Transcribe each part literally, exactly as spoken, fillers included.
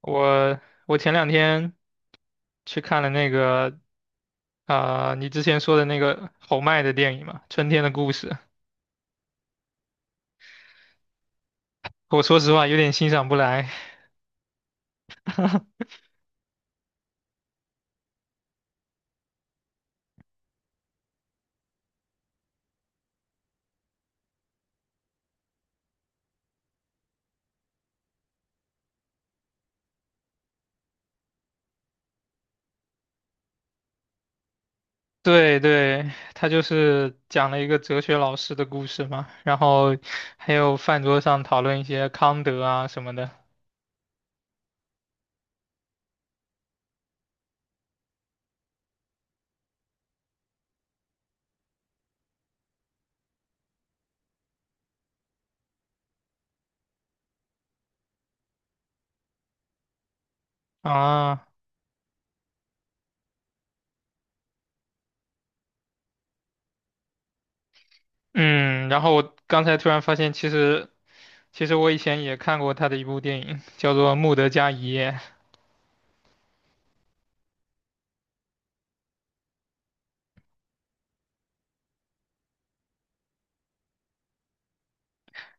我我前两天去看了那个啊、呃你之前说的那个侯麦的电影嘛，《春天的故事》。我说实话有点欣赏不来。对对，他就是讲了一个哲学老师的故事嘛，然后还有饭桌上讨论一些康德啊什么的啊，嗯，然后我刚才突然发现，其实其实我以前也看过他的一部电影，叫做《穆德加一夜》，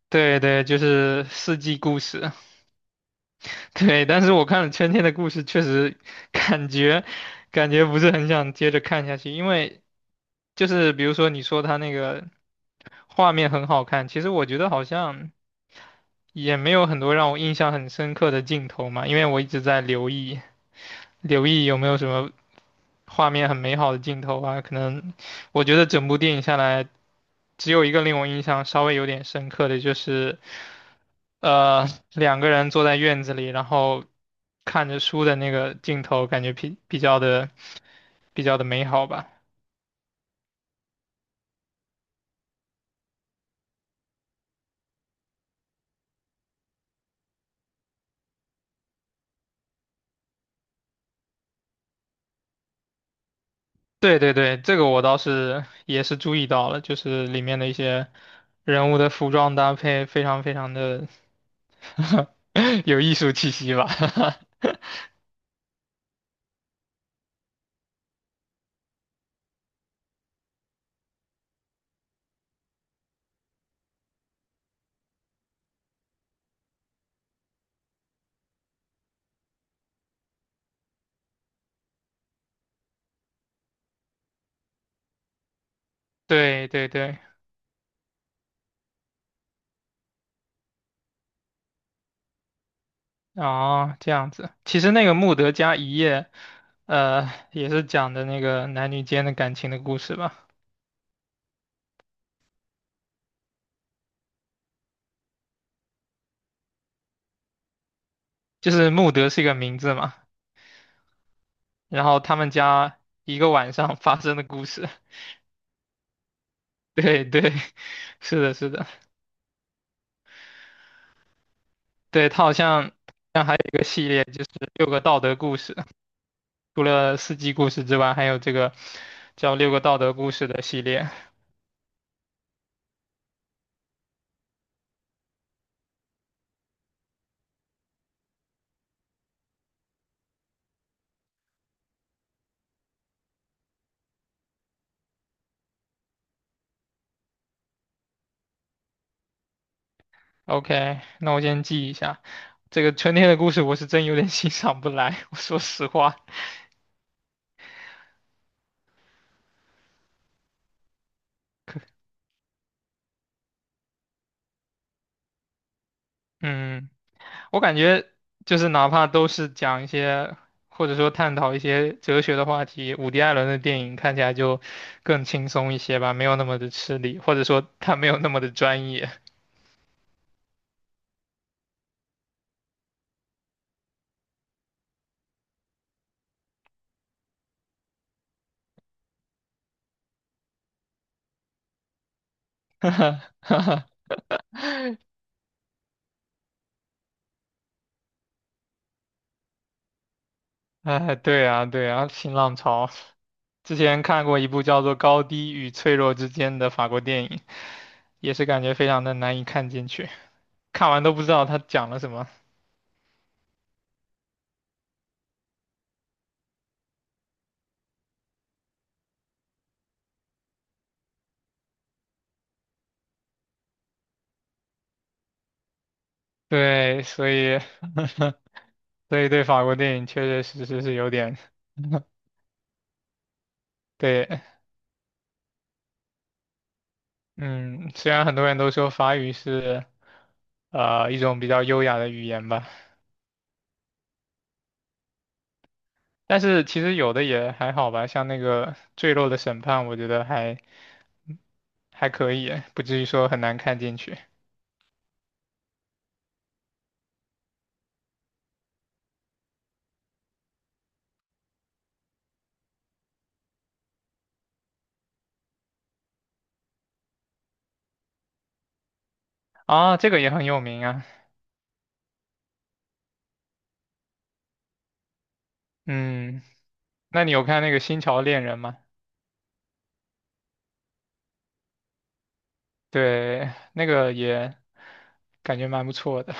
对对，就是《四季故事》。对，但是我看了《春天的故事》，确实感觉感觉不是很想接着看下去，因为就是比如说你说他那个画面很好看，其实我觉得好像也没有很多让我印象很深刻的镜头嘛，因为我一直在留意留意有没有什么画面很美好的镜头啊，可能我觉得整部电影下来，只有一个令我印象稍微有点深刻的就是。呃，两个人坐在院子里，然后看着书的那个镜头，感觉比比较的比较的美好吧。对对对，这个我倒是也是注意到了，就是里面的一些人物的服装搭配非常非常的 有艺术气息吧。对对对，哦，这样子。其实那个《穆德加一夜》呃，也是讲的那个男女间的感情的故事吧。就是穆德是一个名字嘛，然后他们家一个晚上发生的故事。对对，是的，是的，对，它好像像还有一个系列，就是六个道德故事，除了四季故事之外，还有这个叫六个道德故事的系列。OK,那我先记一下。这个春天的故事我是真有点 欣赏不来，我说实话。嗯。我感觉就是哪怕都是讲一些，或者说探讨一些哲学的话题，伍迪·艾伦的电影看起来就更轻松一些吧，没有那么的吃力，或者说他没有那么的专业。哎，对啊，对啊，新浪潮。之前看过一部叫做《高低与脆弱之间》的法国电影，也是感觉非常的难以看进去，看完都不知道他讲了什么。对，所以，所以对法国电影确确实实是有点，对，嗯，虽然很多人都说法语是呃一种比较优雅的语言吧，但是其实有的也还好吧，像那个《坠落的审判》，我觉得还还可以，不至于说很难看进去啊。这个也很有名啊。嗯，那你有看那个《新潮恋人》吗？对，那个也感觉蛮不错的，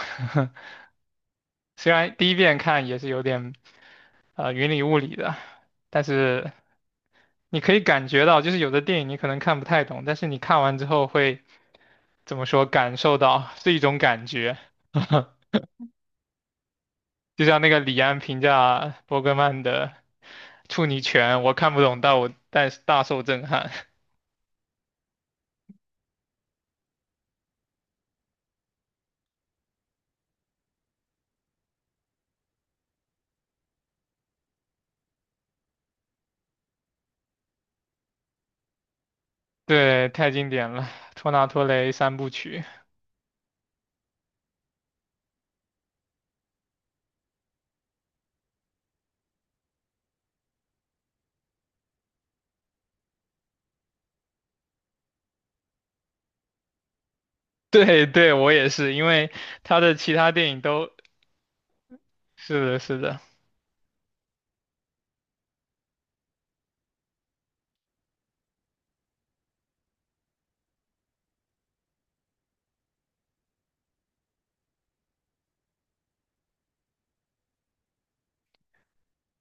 虽然第一遍看也是有点呃云里雾里的，但是你可以感觉到，就是有的电影你可能看不太懂，但是你看完之后会。怎么说感受到，是一种感觉。就像那个李安评价伯格曼的《处女泉》，我看不懂，但我但是大受震撼。对，太经典了，托纳托雷三部曲。对对，我也是，因为他的其他电影都是的，是的，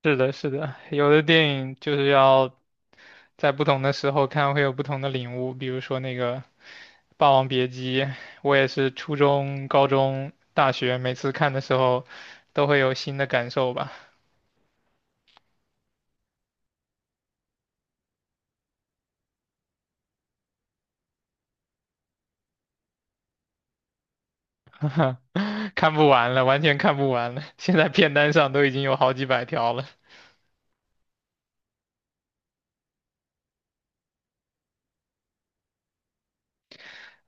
是的，是的，有的电影就是要在不同的时候看会有不同的领悟。比如说那个《霸王别姬》，我也是初中、高中、大学每次看的时候都会有新的感受吧，看不完了，完全看不完了。现在片单上都已经有好几百条了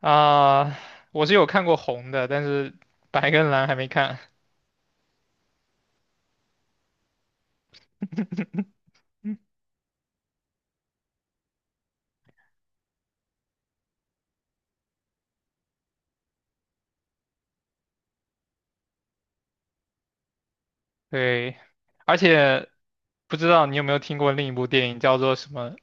啊！我是有看过红的，但是白跟蓝还没看。对，而且不知道你有没有听过另一部电影叫做什么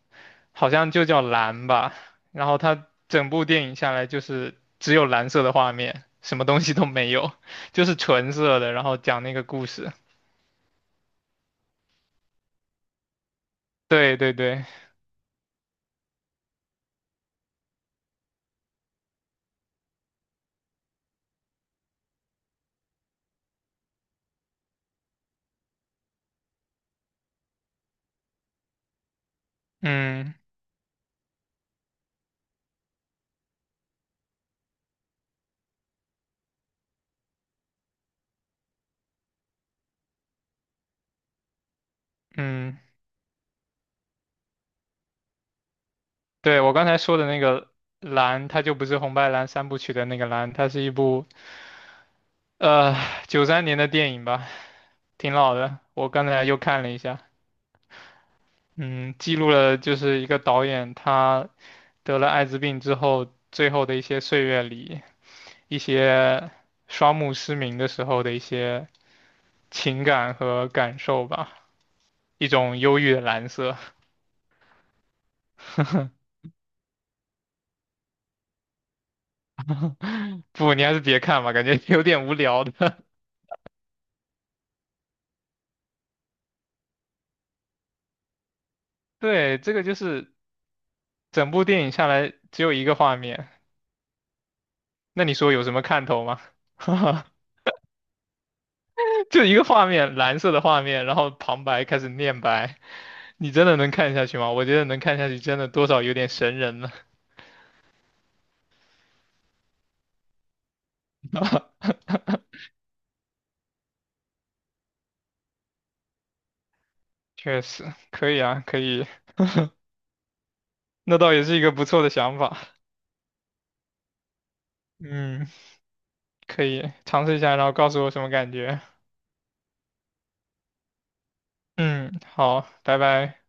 好像就叫蓝吧。然后它整部电影下来就是只有蓝色的画面，什么东西都没有，就是纯色的，然后讲那个故事。对对对，嗯嗯，对，我刚才说的那个蓝，它就不是红白蓝三部曲的那个蓝，它是一部呃九三年的电影吧，挺老的。我刚才又看了一下，嗯，记录了就是一个导演他得了艾滋病之后最后的一些岁月里，一些双目失明的时候的一些情感和感受吧，一种忧郁的蓝色。不，你还是别看吧，感觉有点无聊的。对，这个就是整部电影下来只有一个画面，那你说有什么看头吗？就一个画面，蓝色的画面，然后旁白开始念白，你真的能看下去吗？我觉得能看下去，真的多少有点神人了。确实，可以啊，可以，那倒也是一个不错的想法。嗯。可以尝试一下，然后告诉我什么感觉。嗯，好，拜拜。